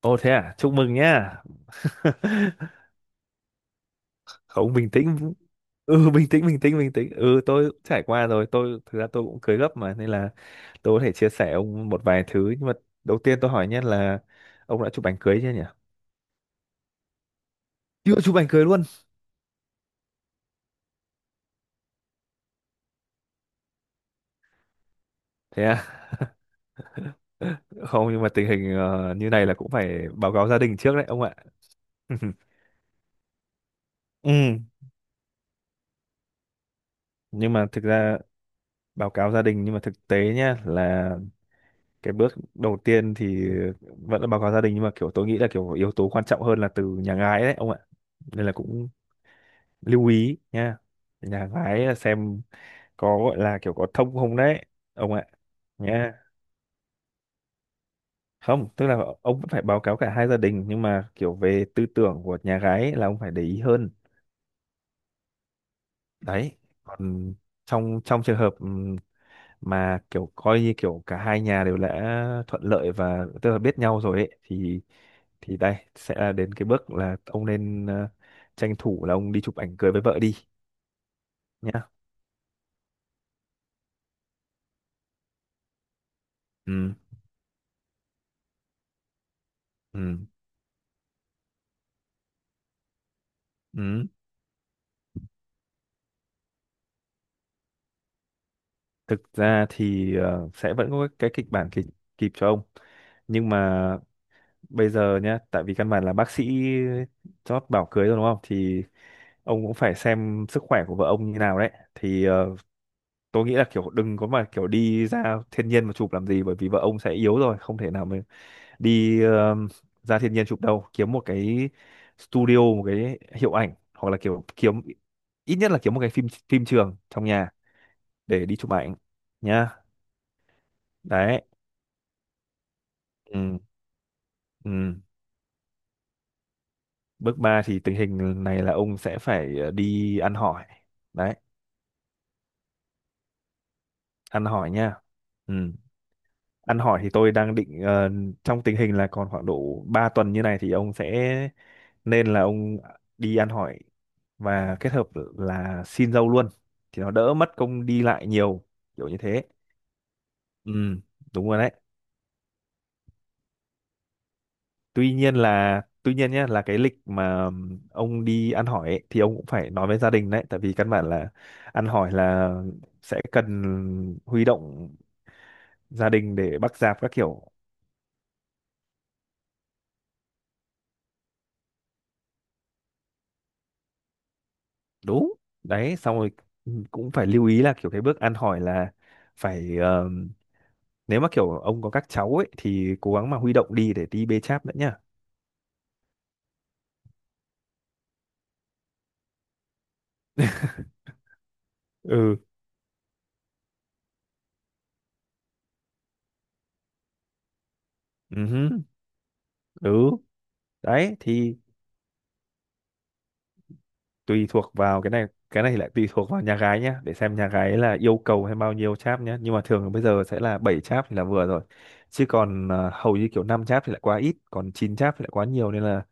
Ồ thế à, chúc mừng nhá. Không bình tĩnh. Ừ bình tĩnh. Ừ tôi cũng trải qua rồi, tôi thực ra cũng cưới gấp mà nên là tôi có thể chia sẻ ông một vài thứ, nhưng mà đầu tiên tôi hỏi nhé là ông đã chụp ảnh cưới chưa nhỉ? Chưa chụp ảnh cưới luôn. Thế à? Không, nhưng mà tình hình như này là cũng phải báo cáo gia đình trước đấy ông ạ. Ừ, nhưng mà thực ra báo cáo gia đình, nhưng mà thực tế nhá là cái bước đầu tiên thì vẫn là báo cáo gia đình, nhưng mà kiểu tôi nghĩ là kiểu yếu tố quan trọng hơn là từ nhà gái đấy ông ạ, nên là cũng lưu ý nha, nhà gái là xem có gọi là kiểu có thông không đấy ông ạ, nha. Không tức là ông vẫn phải báo cáo cả hai gia đình, nhưng mà kiểu về tư tưởng của nhà gái ấy là ông phải để ý hơn. Đấy, còn trong trong trường hợp mà kiểu coi như kiểu cả hai nhà đều đã thuận lợi và tức là biết nhau rồi ấy thì, đây sẽ là đến cái bước là ông nên tranh thủ là ông đi chụp ảnh cưới với vợ đi, nhá. Ừ, ừ, ừ, thực ra thì sẽ vẫn có cái kịch bản kịp, kịp cho ông, nhưng mà bây giờ nhá, tại vì căn bản là bác sĩ chót bảo cưới rồi đúng không, thì ông cũng phải xem sức khỏe của vợ ông như nào đấy, thì tôi nghĩ là kiểu đừng có mà kiểu đi ra thiên nhiên mà chụp làm gì, bởi vì vợ ông sẽ yếu rồi không thể nào mà đi ra thiên nhiên chụp đâu, kiếm một cái studio, một cái hiệu ảnh, hoặc là kiểu kiếm ít nhất là kiếm một cái phim phim trường trong nhà để đi chụp ảnh, nhá. Đấy. Ừ, ừ. Bước 3 thì tình hình này là ông sẽ phải đi ăn hỏi. Đấy, ăn hỏi nha. Ừ. Ăn hỏi thì tôi đang định trong tình hình là còn khoảng độ 3 tuần như này thì ông sẽ nên là ông đi ăn hỏi và kết hợp là xin dâu luôn, thì nó đỡ mất công đi lại nhiều, kiểu như thế. Ừ, đúng rồi đấy. Tuy nhiên là tuy nhiên nhé, là cái lịch mà ông đi ăn hỏi ấy, thì ông cũng phải nói với gia đình đấy, tại vì căn bản là ăn hỏi là sẽ cần huy động gia đình để bắt dạp các kiểu. Đúng. Đấy, xong rồi cũng phải lưu ý là kiểu cái bước ăn hỏi là phải nếu mà kiểu ông có các cháu ấy thì cố gắng mà huy động đi để đi bê cháp nữa, nhá. Ừ, ừ hứ, ừ. Đấy thì tùy thuộc vào cái này, cái này thì lại tùy thuộc vào nhà gái nhá, để xem nhà gái là yêu cầu hay bao nhiêu cháp nhá, nhưng mà thường là bây giờ sẽ là 7 cháp thì là vừa rồi, chứ còn hầu như kiểu 5 cháp thì lại quá ít, còn 9 cháp thì lại quá nhiều, nên là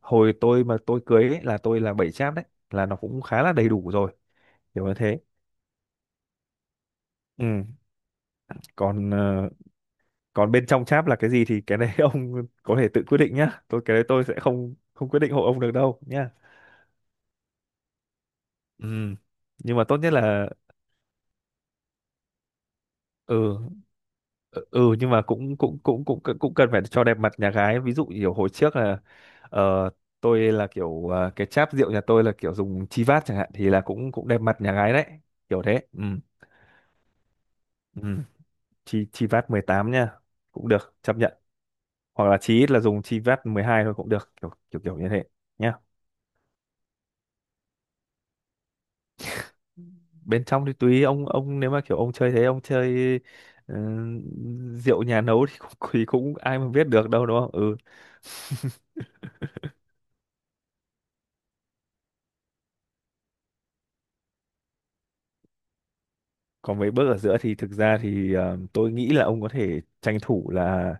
hồi tôi mà tôi cưới ấy, là tôi là 7 cháp đấy là nó cũng khá là đầy đủ rồi, kiểu như thế. Ừ, còn còn bên trong cháp là cái gì thì cái đấy ông có thể tự quyết định nhá. Tôi cái đấy tôi sẽ không không quyết định hộ ông được đâu nhá. Ừ. Nhưng mà tốt nhất là ừ, ừ, ừ, nhưng mà cũng cũng cũng cũng cũng cần phải cho đẹp mặt nhà gái. Ví dụ kiểu hồi trước là ờ, tôi là kiểu cái cháp rượu nhà tôi là kiểu dùng chi vát chẳng hạn thì là cũng cũng đẹp mặt nhà gái đấy. Kiểu thế. Ừ. Ừ. Chi chi vát 18 nha. Cũng được, chấp nhận. Hoặc là chí ít là dùng chi vát 12 thôi cũng được. Kiểu kiểu kiểu như thế. Nhá, bên trong thì tùy ông nếu mà kiểu ông chơi thế ông chơi ờ, rượu nhà nấu thì cũng, thì cũng ai mà biết được đâu, đúng không. Ừ, còn mấy bước ở giữa thì thực ra thì tôi nghĩ là ông có thể tranh thủ là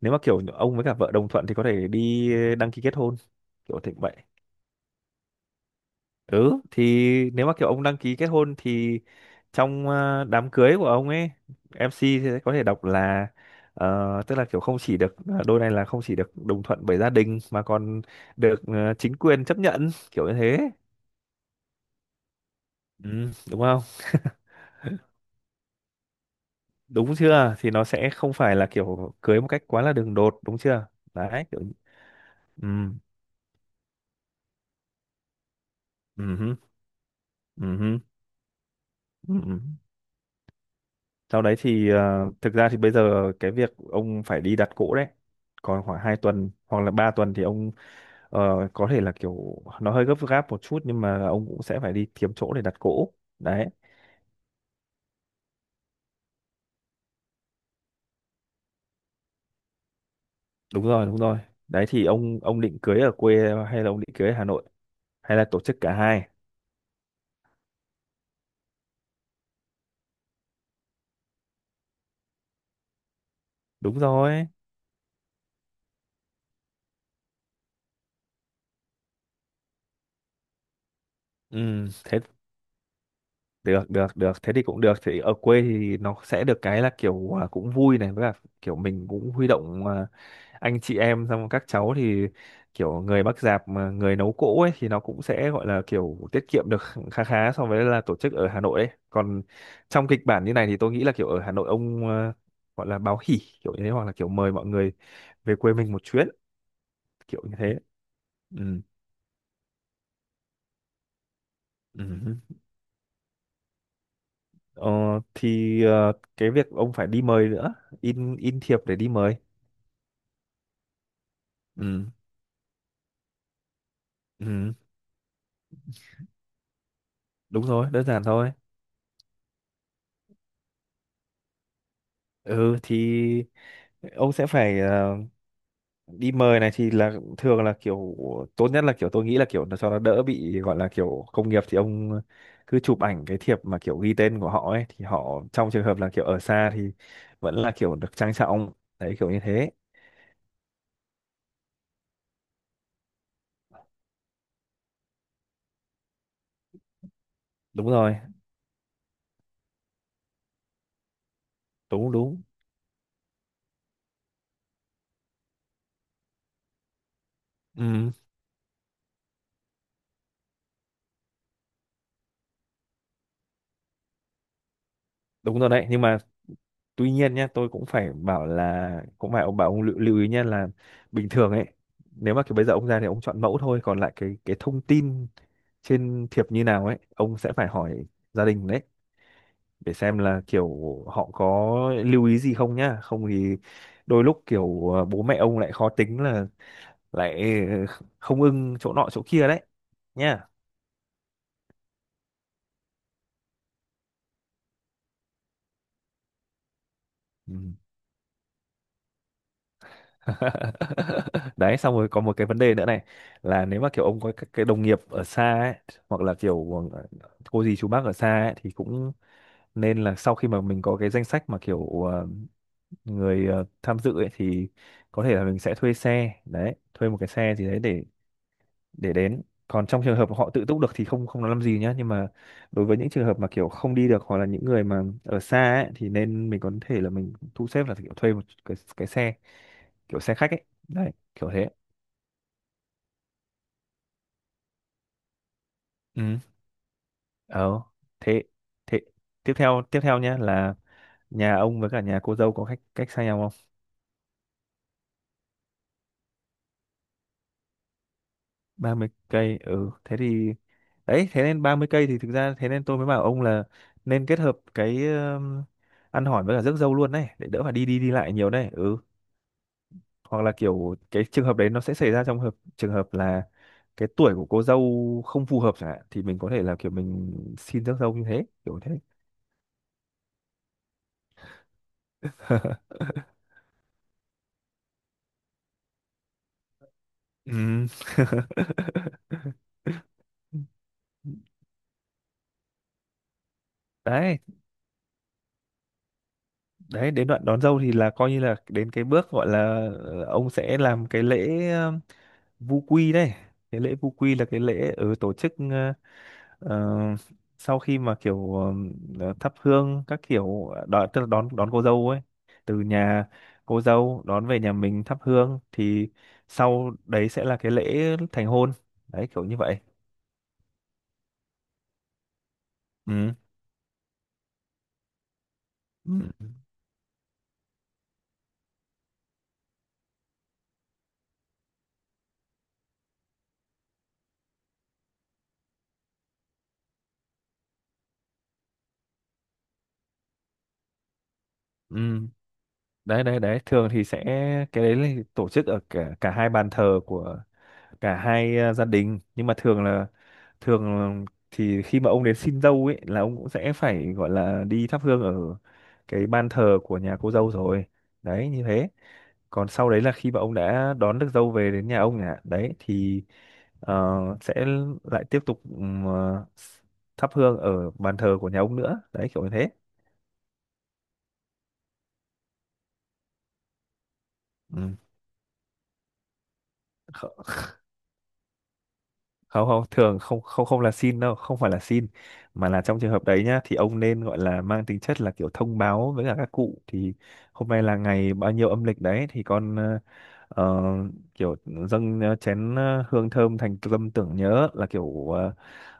nếu mà kiểu ông với cả vợ đồng thuận thì có thể đi đăng ký kết hôn, kiểu thế vậy. Ừ, thì nếu mà kiểu ông đăng ký kết hôn thì trong đám cưới của ông ấy, MC sẽ có thể đọc là tức là kiểu không chỉ được đôi này là không chỉ được đồng thuận bởi gia đình mà còn được chính quyền chấp nhận, kiểu như thế. Ừ, đúng không? Đúng chưa? Thì nó sẽ không phải là kiểu cưới một cách quá là đường đột, đúng chưa? Đấy kiểu ừ, ừ, ừ, ừ, ừ. Sau đấy thì thực ra thì bây giờ cái việc ông phải đi đặt cỗ đấy. Còn khoảng 2 tuần hoặc là 3 tuần thì ông ờ, có thể là kiểu nó hơi gấp gáp một chút, nhưng mà ông cũng sẽ phải đi kiếm chỗ để đặt cỗ. Đấy, đúng rồi, đúng rồi. Đấy thì ông định cưới ở quê hay là ông định cưới ở Hà Nội, hay là tổ chức cả hai? Đúng rồi. Ừ, thế được được được thế thì cũng được, thì ở quê thì nó sẽ được cái là kiểu à, cũng vui này, với cả kiểu mình cũng huy động à, anh chị em xong rồi các cháu thì kiểu người bác dạp mà người nấu cỗ ấy thì nó cũng sẽ gọi là kiểu tiết kiệm được khá khá so với là tổ chức ở Hà Nội ấy, còn trong kịch bản như này thì tôi nghĩ là kiểu ở Hà Nội ông gọi là báo hỉ, kiểu như thế, hoặc là kiểu mời mọi người về quê mình một chuyến, kiểu như thế. Ừ. Ừ. Ờ, thì cái việc ông phải đi mời nữa, in thiệp để đi mời. Ừ. Ừ. Đúng rồi, đơn giản thôi. Ừ, thì ông sẽ phải đi mời này thì là thường là kiểu tốt nhất là kiểu tôi nghĩ là kiểu nó cho nó đỡ bị gọi là kiểu công nghiệp, thì ông cứ chụp ảnh cái thiệp mà kiểu ghi tên của họ ấy thì họ trong trường hợp là kiểu ở xa thì vẫn là kiểu được trang trọng, đấy kiểu như thế. Đúng rồi, đúng đúng, ừ, đúng rồi đấy, nhưng mà tuy nhiên nhá, tôi cũng phải bảo là cũng phải ông bảo ông lưu ý nhá, là bình thường ấy nếu mà kiểu bây giờ ông ra thì ông chọn mẫu thôi, còn lại cái thông tin trên thiệp như nào ấy ông sẽ phải hỏi gia đình đấy, để xem là kiểu họ có lưu ý gì không nhá, không thì đôi lúc kiểu bố mẹ ông lại khó tính là lại không ưng chỗ nọ chỗ kia đấy, nhá. Ừ. Đấy, xong rồi có một cái vấn đề nữa này, là nếu mà kiểu ông có các cái đồng nghiệp ở xa ấy, hoặc là kiểu cô dì chú bác ở xa ấy thì cũng nên là sau khi mà mình có cái danh sách mà kiểu người tham dự ấy thì có thể là mình sẽ thuê xe đấy, thuê một cái xe gì đấy để đến, còn trong trường hợp họ tự túc được thì không không nói làm gì nhá, nhưng mà đối với những trường hợp mà kiểu không đi được hoặc là những người mà ở xa ấy, thì nên mình có thể là mình thu xếp là kiểu thuê một cái xe, kiểu xe khách ấy, đấy kiểu thế. Ừ, ờ, thế thế tiếp theo, tiếp theo nhá là nhà ông với cả nhà cô dâu có cách cách xa nhau không. Ba mươi cây, ừ thế thì, đấy thế nên 30 cây thì thực ra thế nên tôi mới bảo ông là nên kết hợp cái ăn hỏi với cả rước dâu luôn đấy, để đỡ phải đi đi đi lại nhiều đấy. Ừ, hoặc là kiểu cái trường hợp đấy nó sẽ xảy ra trong hợp trường hợp là cái tuổi của cô dâu không phù hợp chẳng hạn, thì mình có thể là kiểu mình xin rước dâu như thế, kiểu thế. Ừm. Đấy, đấy đến đoạn đón dâu thì là coi như là đến cái bước gọi là ông sẽ làm cái lễ vu quy đây, cái lễ vu quy là cái lễ ở tổ chức. Ờ, sau khi mà kiểu thắp hương các kiểu đón, tức là đón đón cô dâu ấy từ nhà cô dâu đón về nhà mình thắp hương, thì sau đấy sẽ là cái lễ thành hôn, đấy kiểu như vậy. Ừ. Ừ. Ừ. Đấy đấy đấy, thường thì sẽ cái đấy là tổ chức ở cả cả hai bàn thờ của cả hai gia đình, nhưng mà thường là thường thì khi mà ông đến xin dâu ấy là ông cũng sẽ phải gọi là đi thắp hương ở cái ban thờ của nhà cô dâu rồi, đấy như thế. Còn sau đấy là khi mà ông đã đón được dâu về đến nhà ông nhà đấy thì sẽ lại tiếp tục thắp hương ở bàn thờ của nhà ông nữa, đấy kiểu như thế. Ừ. không không thường không không không là xin đâu không phải là xin, mà là trong trường hợp đấy nhá thì ông nên gọi là mang tính chất là kiểu thông báo với cả các cụ, thì hôm nay là ngày bao nhiêu âm lịch đấy thì con ờ, kiểu dâng chén hương thơm thành tâm tưởng nhớ, là kiểu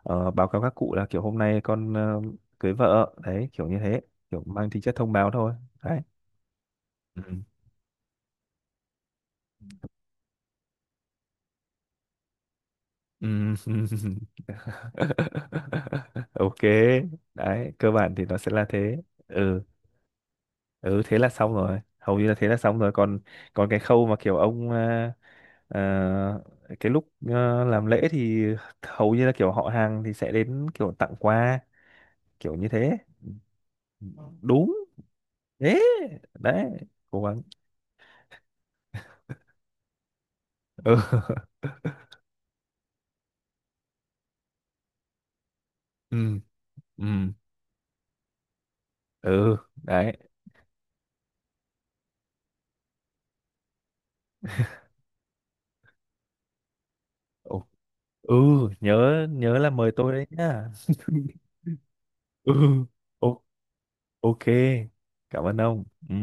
báo cáo các cụ là kiểu hôm nay con cưới vợ đấy, kiểu như thế, kiểu mang tính chất thông báo thôi. Đấy. Ừ. Ừ. Ok, đấy cơ bản thì nó sẽ là thế. Ừ, ừ thế là xong rồi, hầu như là thế là xong rồi, còn còn cái khâu mà kiểu ông à, à, cái lúc à, làm lễ thì hầu như là kiểu họ hàng thì sẽ đến kiểu tặng quà, kiểu như thế. Đúng. Thế. Đấy. Cố gắng. Ừ ừ, ừ, ừ. Đấy. Ồ, ừ, nhớ nhớ là mời tôi đấy nhá. Ừ, ô-, ok, cảm ơn ông. Ừ.